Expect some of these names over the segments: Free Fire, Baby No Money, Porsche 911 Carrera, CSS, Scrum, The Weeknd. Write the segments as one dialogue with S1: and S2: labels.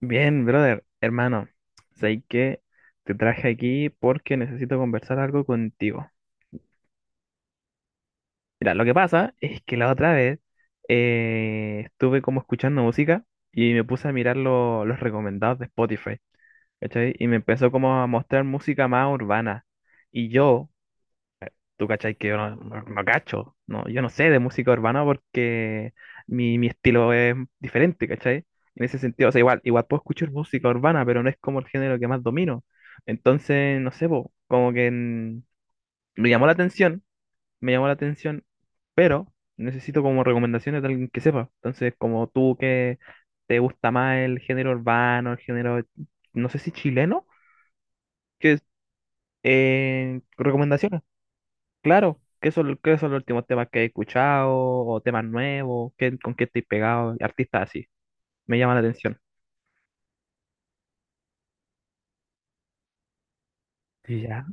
S1: Bien, brother, hermano, sé que te traje aquí porque necesito conversar algo contigo. Mira, lo que pasa es que la otra vez estuve como escuchando música y me puse a mirar los recomendados de Spotify, ¿cachai? Y me empezó como a mostrar música más urbana. Y yo, tú cachai que yo no cacho, no, yo no sé de música urbana porque mi estilo es diferente, ¿cachai? En ese sentido, o sea, igual puedo escuchar música urbana, pero no es como el género que más domino. Entonces, no sé, po, como que me llamó la atención, me llamó la atención, pero necesito como recomendaciones de alguien que sepa. Entonces, como tú que te gusta más el género urbano, el género, no sé si chileno, que es, recomendaciones. Claro, qué son los últimos temas que he escuchado o temas nuevos? Con qué estoy pegado? Artistas así, me llama la atención. Y ya,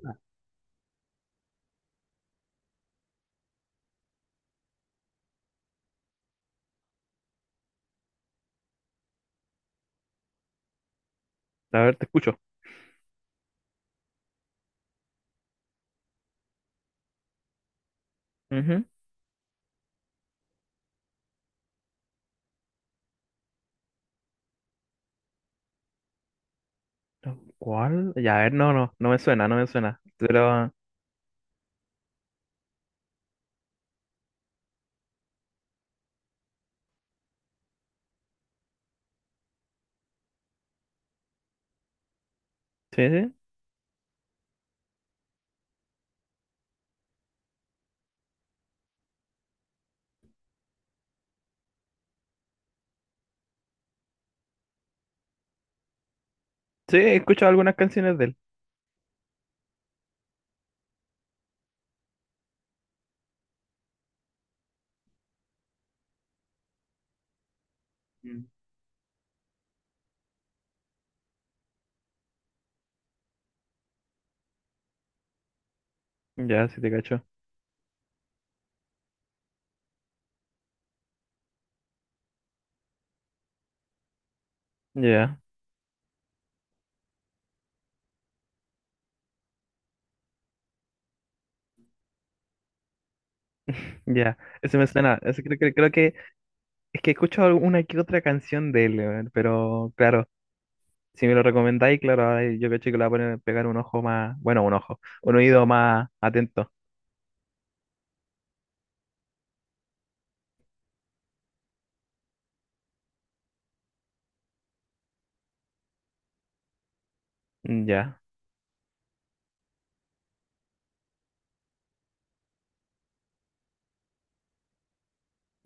S1: a ver, te escucho. Ujú. ¿Cuál? Ya, a ver, no me suena, no me suena. Pero, sí, sí, sí, he escuchado algunas canciones de él. Mm. Ya, sí te cacho. Ya, ya, ese me suena. Ese creo que es que he escuchado alguna que otra canción de él, weón, pero claro, si me lo recomendáis, claro, ahora yo cacho que le voy a poner, pegar un ojo más, bueno, un ojo, un oído más atento. Mm, ya,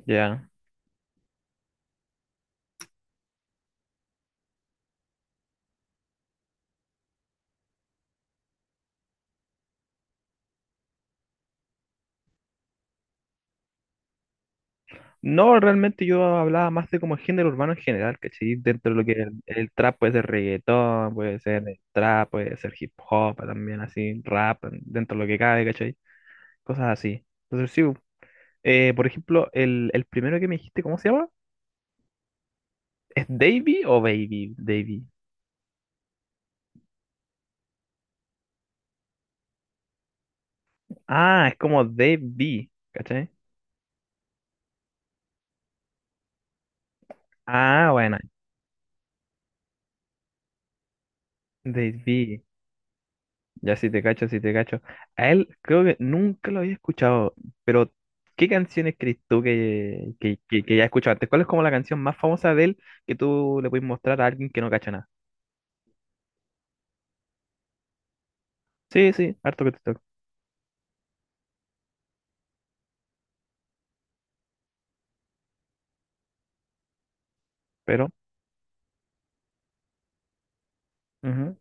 S1: ya. No, realmente yo hablaba más de como el género urbano en general, ¿cachai? Dentro de lo que es el trap puede ser reggaetón, puede ser el trap, puede ser hip hop también así, rap, dentro de lo que cabe, ¿cachai? Cosas así. Entonces sí, por ejemplo, el primero que me dijiste, ¿cómo se llama? ¿Es Davey o Baby? Davey. Ah, es como Davey, ¿cachai? Ah, bueno, Davey. Ya sí te cacho, sí te cacho. A él creo que nunca lo había escuchado, pero ¿qué canciones crees tú que ya he escuchado antes? ¿Cuál es como la canción más famosa de él que tú le puedes mostrar a alguien que no cacha nada? Sí, sí, harto que te toco, pero... Ujú.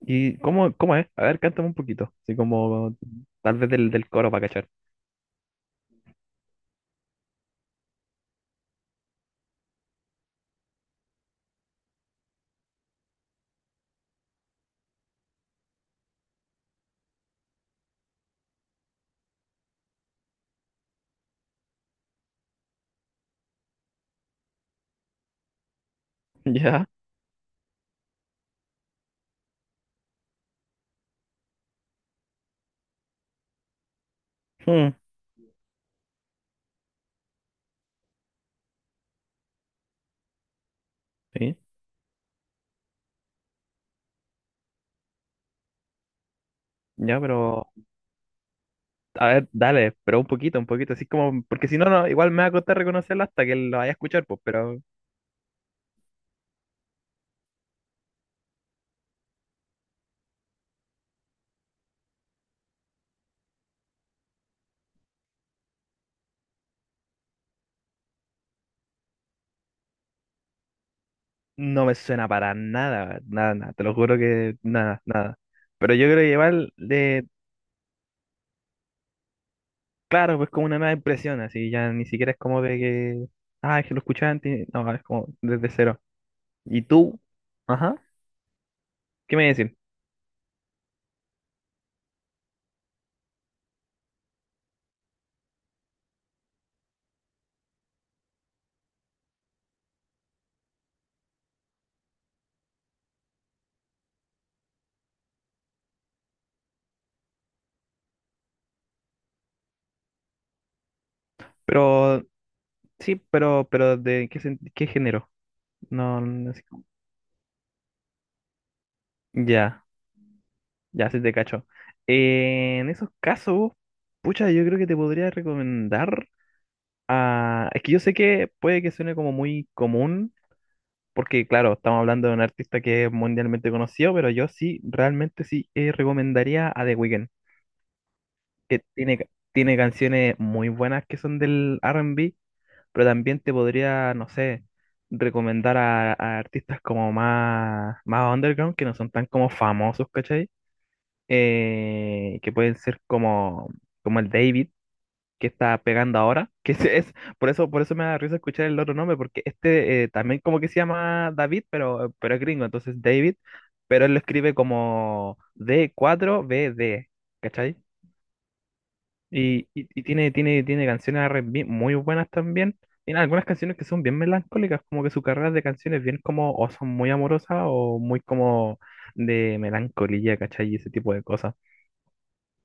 S1: ¿Y cómo, cómo es? A ver, cántame un poquito, así como tal vez del coro para cachar. Ya, hmm, sí. Ya, pero... A ver, dale, pero un poquito, así como... Porque si no, no, igual me va a costar reconocerla hasta que lo vaya a escuchar, pues, pero... No me suena para nada, nada, nada, te lo juro que nada, nada. Pero yo creo que igual, de, claro, pues como una nueva impresión, así ya ni siquiera es como de que, ah, es que lo escuchaba antes, no, es como desde cero. ¿Y tú? Ajá, ¿qué me decir? Pero, sí, pero ¿de qué género? No, no sé. Ya, ya se te cacho. En esos casos, pucha, yo creo que te podría recomendar, a es que yo sé que puede que suene como muy común. Porque, claro, estamos hablando de un artista que es mundialmente conocido, pero yo sí, realmente sí recomendaría a The Weeknd, que tiene, tiene canciones muy buenas que son del R&B, pero también te podría, no sé, recomendar a artistas como más, más underground, que no son tan como famosos, ¿cachai? Que pueden ser como, como el David que está pegando ahora, que ese es, por eso me da risa escuchar el otro nombre, porque este también como que se llama David, pero es gringo, entonces David, pero él lo escribe como d cuatro B D, cachai. Y tiene, tiene, tiene canciones R&B muy buenas también, tiene algunas canciones que son bien melancólicas, como que su carrera de canciones bien como, o son muy amorosas, o muy como de melancolía, ¿cachai? Y ese tipo de cosas.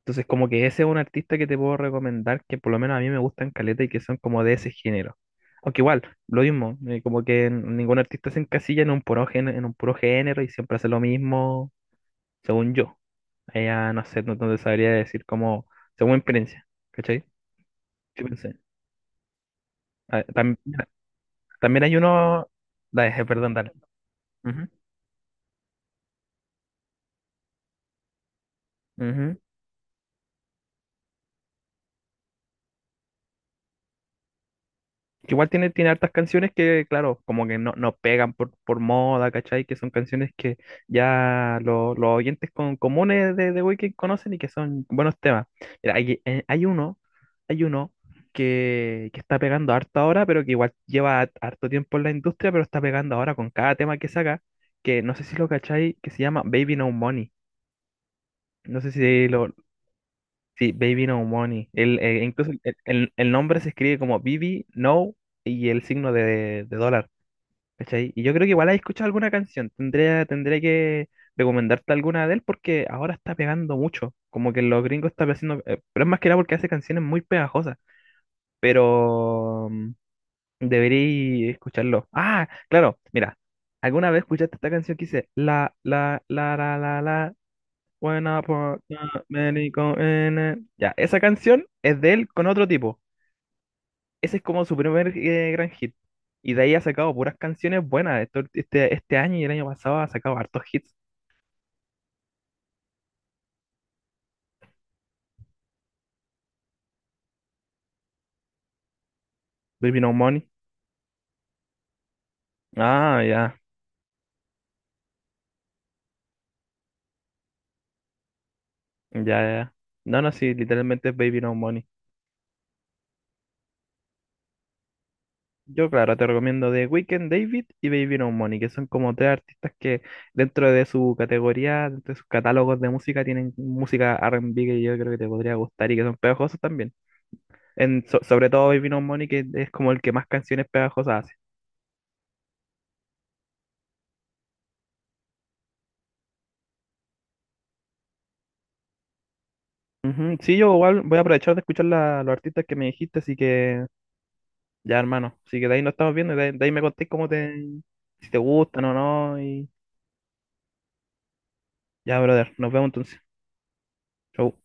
S1: Entonces, como que ese es un artista que te puedo recomendar, que por lo menos a mí me gustan caleta y que son como de ese género. Aunque igual, lo mismo, como que ningún artista se encasilla en un puro género, en un puro género y siempre hace lo mismo, según yo. Ella, no sé, no, no te sabría decir como, según mi experiencia, ¿cachai? ¿Qué pensé? Ah, tam- también hay uno, dale, perdón, dale. Ujú, ujú. Que igual tiene, tiene hartas canciones que, claro, como que no, no pegan por moda, ¿cachai? Que son canciones que ya los oyentes con, comunes de Weeknd conocen y que son buenos temas. Mira, hay, hay uno que está pegando harto ahora, pero que igual lleva harto tiempo en la industria, pero está pegando ahora con cada tema que saca, que no sé si lo cachai, que se llama Baby No Money. No sé si lo, sí, Baby No Money. El, incluso el, el nombre se escribe como Baby No y el signo de dólar. ¿Cachai? Y yo creo que igual has escuchado alguna canción. Tendría, tendría que recomendarte alguna de él porque ahora está pegando mucho. Como que los gringos están haciendo. Eh, pero es más que nada porque hace canciones muy pegajosas. Pero mm, debería escucharlo. Ah, claro, mira. ¿Alguna vez escuchaste esta canción que dice la, la, la, la, la, la? When I put that many go in it. Ya, esa canción es de él con otro tipo. Ese es como su primer gran hit. Y de ahí ha sacado puras canciones buenas. Este, este año y el año pasado ha sacado hartos hits. Baby No Money. Ah, ya, ya, ya. No, no, sí, literalmente es Baby No Money. Yo, claro, te recomiendo The Weeknd, David y Baby No Money, que son como tres artistas que dentro de su categoría, dentro de sus catálogos de música, tienen música R&B que yo creo que te podría gustar y que son pegajosos también. En, sobre todo Baby No Money, que es como el que más canciones pegajosas hace. Ujú, sí, yo igual voy a aprovechar de escuchar los artistas que me dijiste, así que ya, hermano. Así que de ahí nos estamos viendo, y de ahí me contéis cómo te, si te gustan o no, y ya, brother, nos vemos entonces. Chau.